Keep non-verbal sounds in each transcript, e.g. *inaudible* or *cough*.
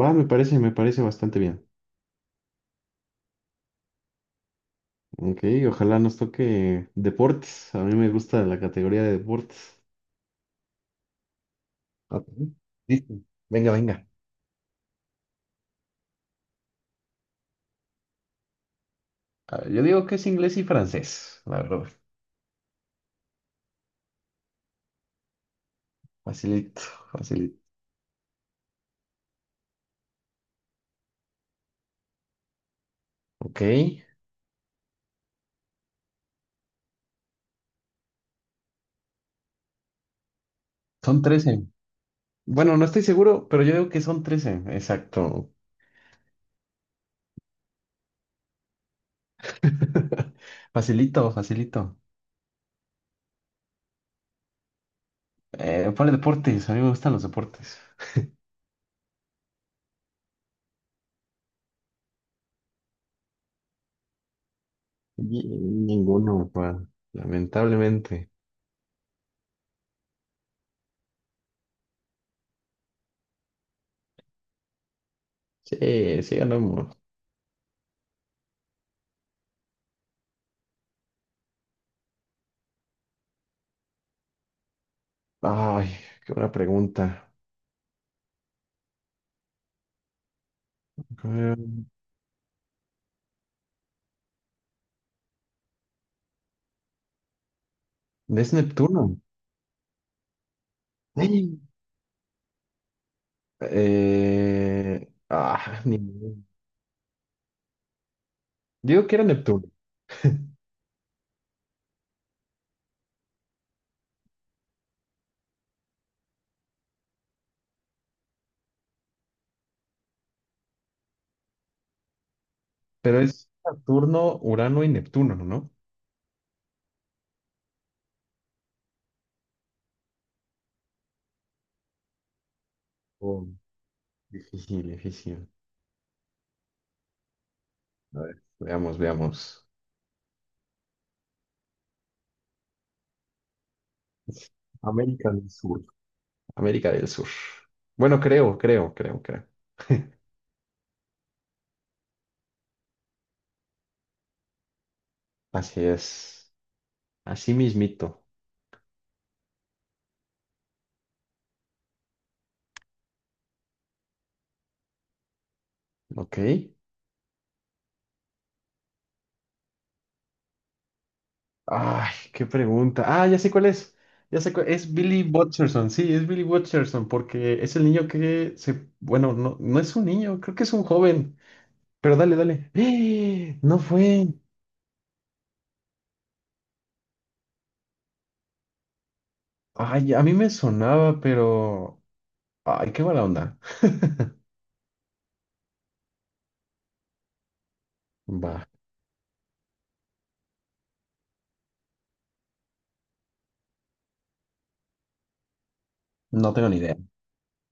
Va, me parece bastante bien. Ok, ojalá nos toque deportes. A mí me gusta la categoría de deportes. Ok, listo. Venga, venga. A ver, yo digo que es inglés y francés, la verdad. Facilito, facilito. Ok, son 13. Bueno, no estoy seguro, pero yo digo que son 13 exacto. *laughs* Facilito, facilito. Ponle deportes, a mí me gustan los deportes. Ni- Ninguno, pa. Lamentablemente. Sí, sí ganamos. Ay, qué buena pregunta. Eh, Es Neptuno. ¡Ay! Ni idea. Digo que era Neptuno, pero es Saturno, Urano y Neptuno, ¿no? Oh, difícil, difícil. A ver, veamos, veamos. América del Sur. América del Sur. Bueno, creo. Así es. Así mismito. Ok. Ay, qué pregunta. Ah, ya sé cuál es. Ya sé cuál es Billy Butcherson. Sí, es Billy Butcherson porque es el niño que se, bueno, no, no es un niño, creo que es un joven. Pero dale, dale. ¡Eh! No fue. Ay, a mí me sonaba, pero ay, qué mala onda. Va, no tengo ni idea.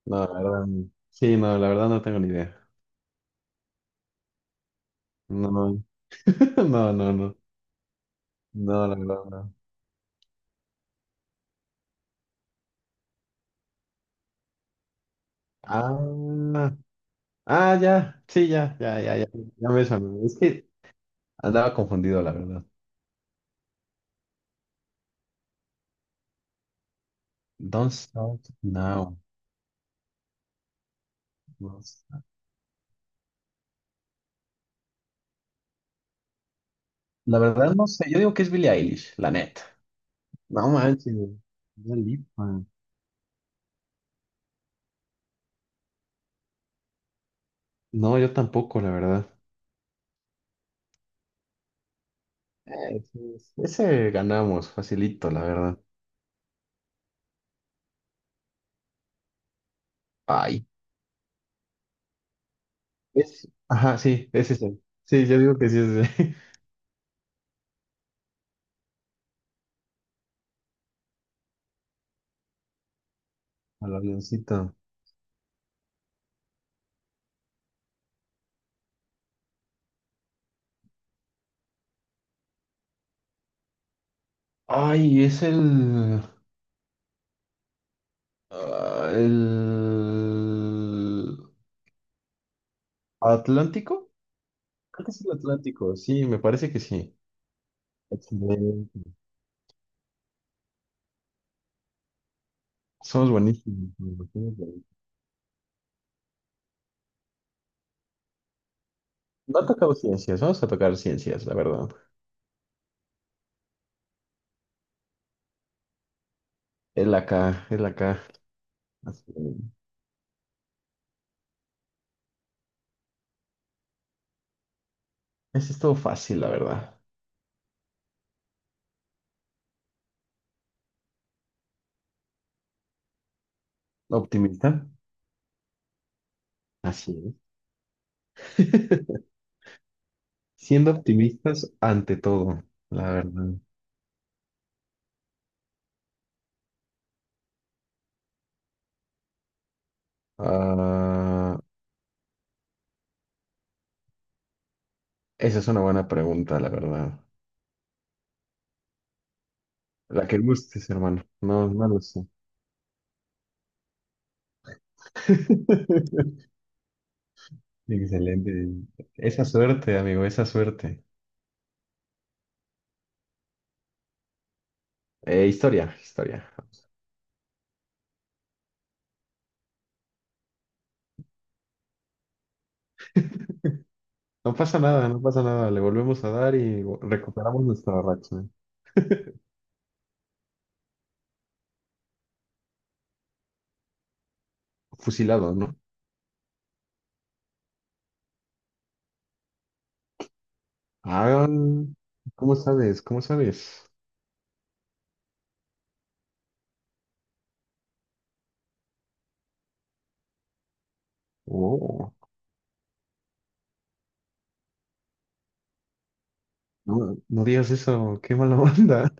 No, la verdad. No. Sí, no, la verdad no tengo ni idea. No, no, *laughs* no, no. No, no, la verdad no. Ah, ya. Sí, ya, ya, ya, ya. Ya me sonó. Es que andaba confundido, la verdad. Don't Stop Now. No sé. La verdad no sé, yo digo que es Billie Eilish, la neta. No manches, Dua Lipa. No, yo tampoco, la verdad. Sí, sí. Ese ganamos, facilito, la verdad. Ay. Ajá, sí, es ese. Sí, yo digo que sí es ese. *laughs* Al avioncito. Ay, es el... ah, el... ¿Atlántico? Creo que es el Atlántico, sí, me parece que sí. Excelente. Somos buenísimos. No ha tocado ciencias, vamos a tocar ciencias, la verdad. Es la K. Así es. Es todo fácil, la verdad. ¿Optimista? Así es. *laughs* Siendo optimistas ante todo, la verdad. Ah, Esa es una buena pregunta, la verdad. La que gustes, hermano. No, no lo sé. *laughs* Excelente. Esa suerte, amigo, esa suerte. Historia, historia. No pasa nada, no pasa nada. Le volvemos a dar y recuperamos nuestra racha. Fusilado, ¿no? Ah, ¿cómo sabes? ¿Cómo sabes? Oh, no, no digas eso, qué mala onda.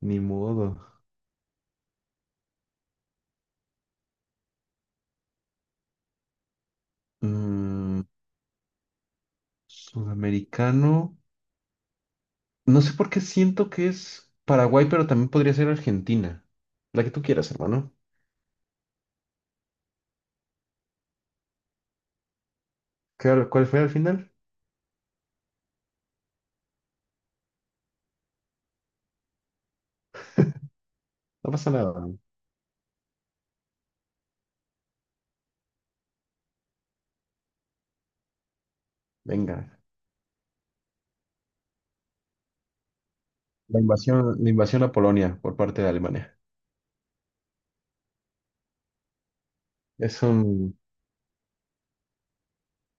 *laughs* Ni modo. Mm, sudamericano. No sé por qué siento que es Paraguay, pero también podría ser Argentina. La que tú quieras, hermano. ¿Cuál fue al final? No pasa nada. Venga. La invasión a Polonia por parte de Alemania. Es un,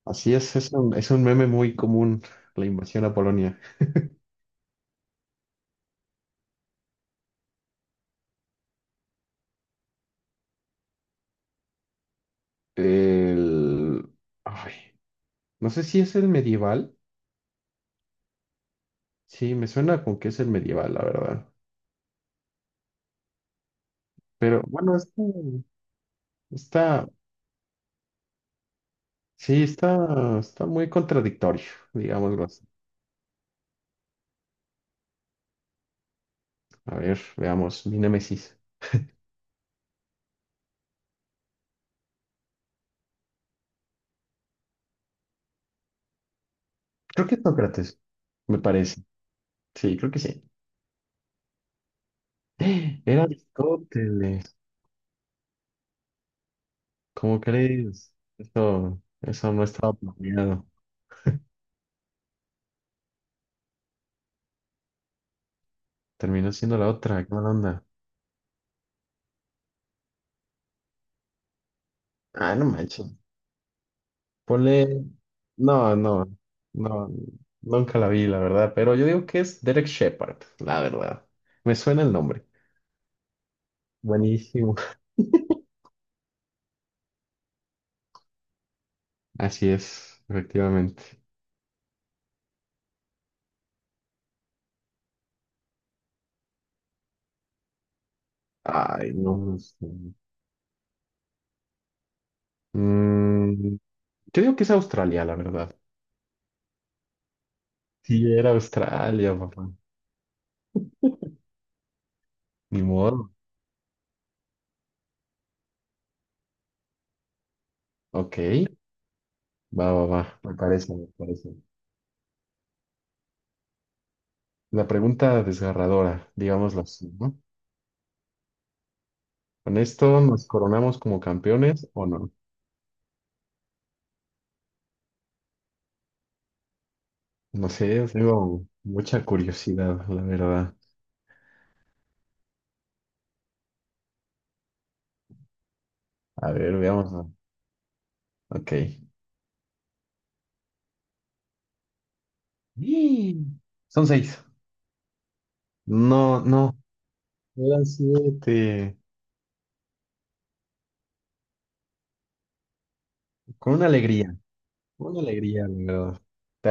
Así es, es un meme muy común, la invasión a Polonia. El... Ay, no sé si es el medieval. Sí, me suena con que es el medieval, la verdad. Pero bueno, está, sí, está muy contradictorio, digámoslo así. A ver, veamos, mi némesis. Creo que es Sócrates, me parece. Sí, creo que sí. *gasps* Era Aristóteles. ¿Cómo crees? Eso no estaba planeado. Terminó siendo la otra, qué mala onda. Ah, no manches. Ponle. No, no, no, nunca la vi, la verdad. Pero yo digo que es Derek Shepard, la verdad. Me suena el nombre. Buenísimo. *laughs* Así es, efectivamente. Ay, no, no sé. Mm, yo digo que es Australia, la verdad. Sí, era Australia, papá. Ni modo. Ok, va, va, va. Me parece. La pregunta desgarradora, digámoslo así, ¿no? ¿Con esto nos coronamos como campeones o no? No sé, yo tengo mucha curiosidad, la verdad. A ver, veamos. ¿No? Ok. ¡Y! Son 6. No, no. Eran 7. Con una alegría. Con una alegría, la verdad. Te